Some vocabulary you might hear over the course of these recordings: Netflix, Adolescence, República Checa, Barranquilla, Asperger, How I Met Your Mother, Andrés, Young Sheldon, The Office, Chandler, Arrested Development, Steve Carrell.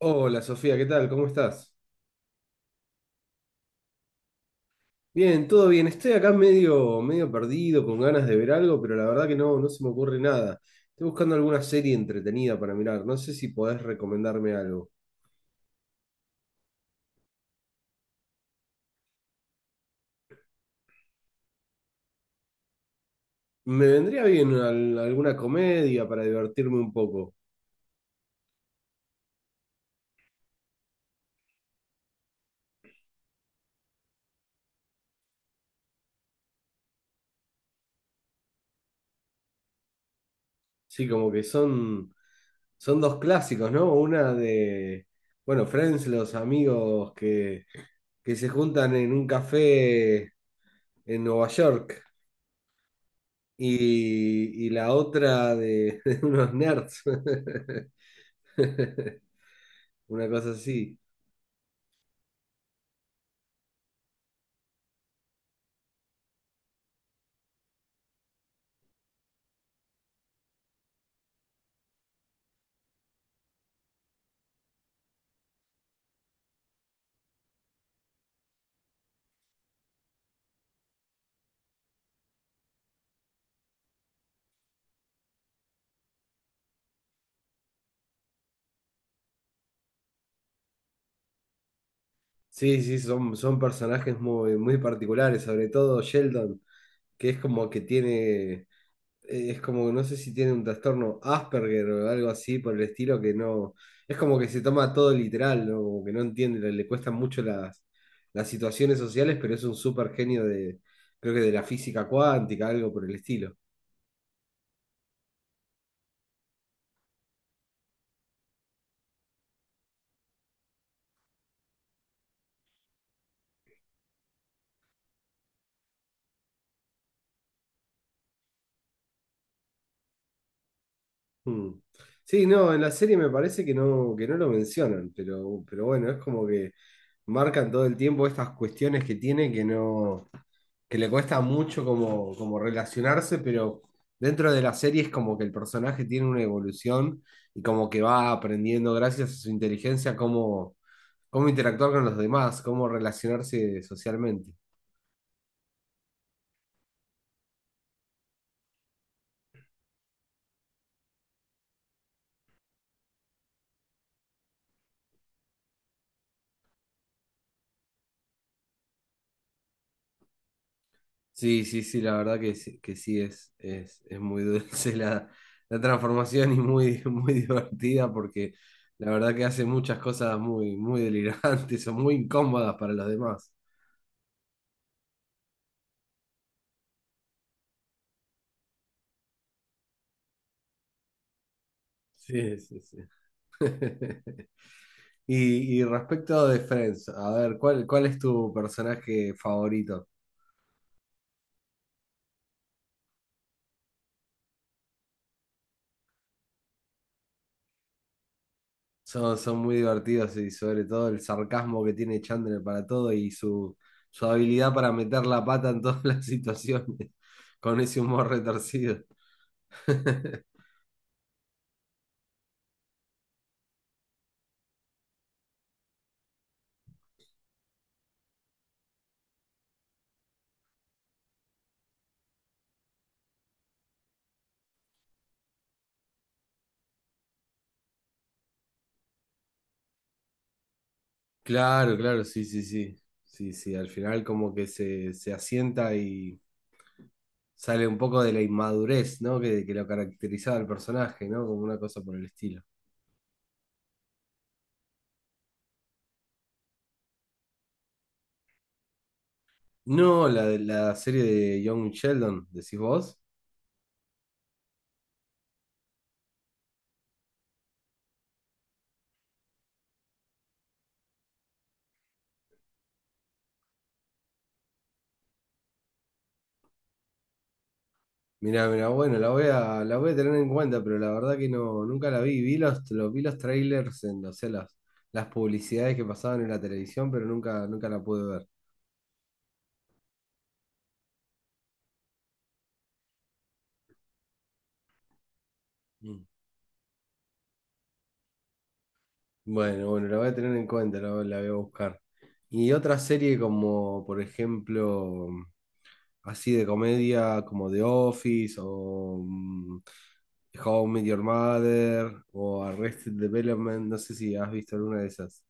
Hola Sofía, ¿qué tal? ¿Cómo estás? Bien, todo bien. Estoy acá medio perdido, con ganas de ver algo, pero la verdad que no, no se me ocurre nada. Estoy buscando alguna serie entretenida para mirar. No sé si podés recomendarme algo. Me vendría bien alguna comedia para divertirme un poco. Sí, como que son dos clásicos, ¿no? Una de, bueno, Friends, los amigos que se juntan en un café en Nueva York. Y la otra de, de unos nerds. Una cosa así. Sí, sí, son personajes muy particulares, sobre todo Sheldon, que es como que tiene, es como, no sé si tiene un trastorno Asperger o algo así por el estilo, que no, es como que se toma todo literal, ¿no? Como que no entiende, le cuestan mucho las situaciones sociales, pero es un súper genio de, creo que de la física cuántica, algo por el estilo. Mm. Sí, no, en la serie me parece que no lo mencionan, pero bueno, es como que marcan todo el tiempo estas cuestiones que tiene que no, que le cuesta mucho como, como relacionarse, pero dentro de la serie es como que el personaje tiene una evolución y como que va aprendiendo gracias a su inteligencia cómo, cómo interactuar con los demás, cómo relacionarse socialmente. Sí, sí, sí, la verdad que sí es muy dulce la transformación y muy, muy divertida porque la verdad que hace muchas cosas muy, muy delirantes o muy incómodas para los demás. Sí, sí, sí. Y, y respecto de Friends, a ver, ¿cuál es tu personaje favorito? Son muy divertidos y sobre todo el sarcasmo que tiene Chandler para todo y su habilidad para meter la pata en todas las situaciones con ese humor retorcido. Claro, claro, sí, sí, sí. Sí, sí, al final como que se asienta y sale un poco de la inmadurez, ¿no? Que lo caracterizaba al personaje, ¿no? Como una cosa por el estilo. No, la, la serie de Young Sheldon, decís vos. Mirá, mirá, bueno, la voy a tener en cuenta, pero la verdad que no, nunca la vi. Vi vi los trailers en, o sea, las publicidades que pasaban en la televisión, pero nunca, nunca la pude ver. Mm. Bueno, bueno, la voy a tener en cuenta, la voy a buscar. Y otra serie como, por ejemplo, así de comedia, como The Office o How I Met Your Mother o Arrested Development, no sé si has visto alguna de esas.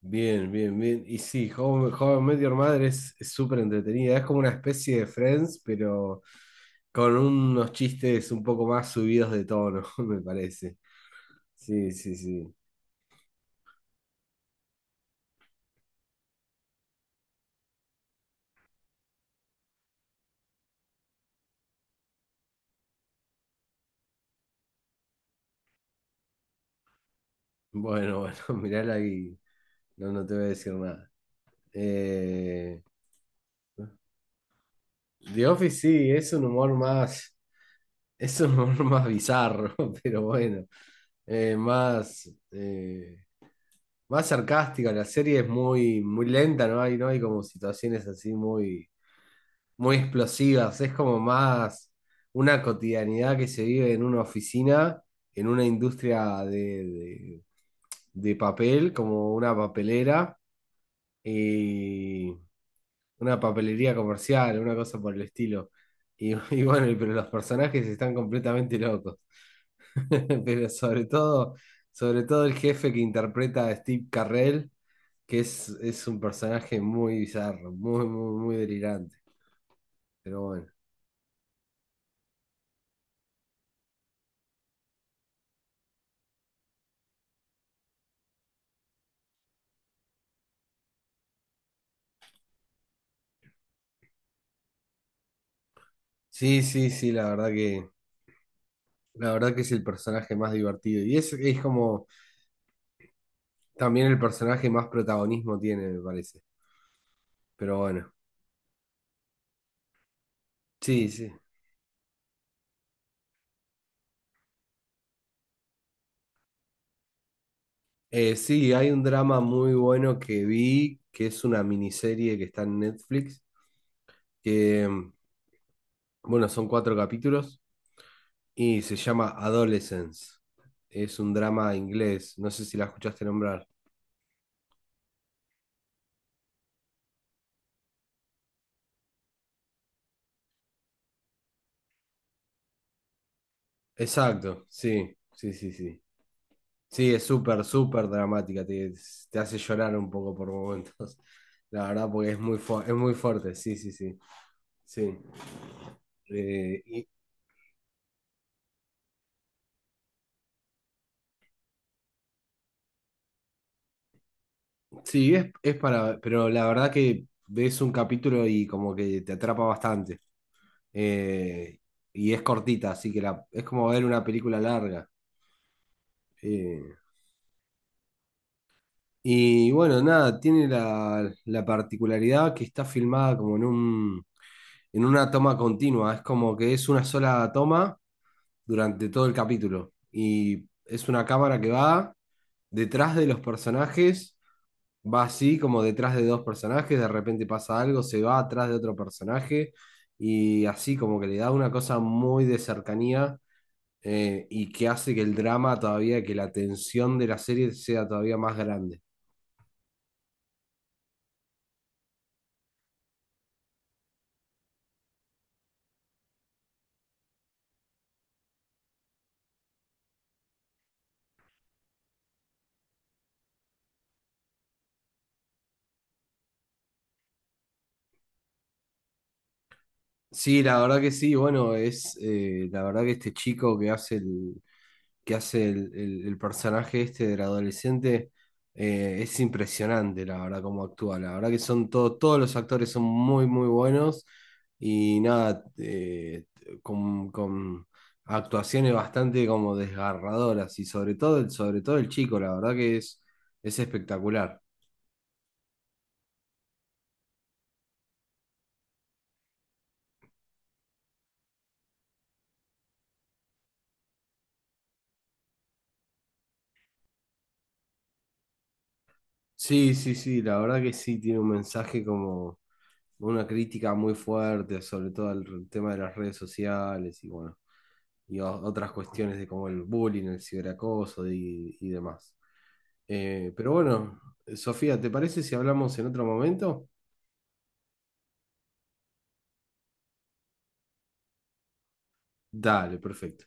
Bien, bien, bien. Y sí, How I Met Your Mother es súper entretenida, es como una especie de Friends, pero con unos chistes un poco más subidos de tono, me parece. Sí, sí, sí. Bueno, bueno, mirala ahí. No, no te voy a decir nada. Eh, The Office sí, es un humor más, es un humor más bizarro, pero bueno, más, más sarcástica. La serie es muy, muy lenta, ¿no? Hay, no hay como situaciones así muy, muy explosivas. Es como más una cotidianidad que se vive en una oficina, en una industria de papel, como una papelera. Y una papelería comercial, una cosa por el estilo. Y, y bueno, pero los personajes están completamente locos. Pero sobre todo el jefe que interpreta a Steve Carrell, que es un personaje muy bizarro, muy, muy, muy delirante. Pero bueno. Sí, sí, sí, la verdad que es el personaje más divertido. Y es como también el personaje más protagonismo tiene, me parece. Pero bueno. Sí, sí. Sí, hay un drama muy bueno que vi, que es una miniserie que está en Netflix, que, bueno, son cuatro capítulos y se llama Adolescence. Es un drama inglés, no sé si la escuchaste nombrar. Exacto, sí, sí, sí, sí. Sí, es súper, súper dramática, te hace llorar un poco por momentos, la verdad, porque es muy, es muy fuerte, sí, sí, sí. Sí. Eh, y- Sí, es para, pero la verdad que ves un capítulo y como que te atrapa bastante. Eh, y es cortita, así que la, es como ver una película larga. Eh, y bueno, nada, tiene la, la particularidad que está filmada como en un, en una toma continua. Es como que es una sola toma durante todo el capítulo. Y es una cámara que va detrás de los personajes, va así como detrás de dos personajes, de repente pasa algo, se va atrás de otro personaje y así como que le da una cosa muy de cercanía, y que hace que el drama todavía, que la tensión de la serie sea todavía más grande. Sí, la verdad que sí, bueno, es la verdad que este chico que hace el, que hace el personaje este del adolescente, es impresionante, la verdad, cómo actúa. La verdad que son todos los actores son muy, muy buenos y nada, con actuaciones bastante como desgarradoras y sobre todo, sobre todo el chico, la verdad que es espectacular. Sí, sí, sí, la verdad que sí, tiene un mensaje como una crítica muy fuerte, sobre todo el tema de las redes sociales y bueno, y otras cuestiones de como el bullying, el ciberacoso y demás. Pero bueno, Sofía, ¿te parece si hablamos en otro momento? Dale, perfecto.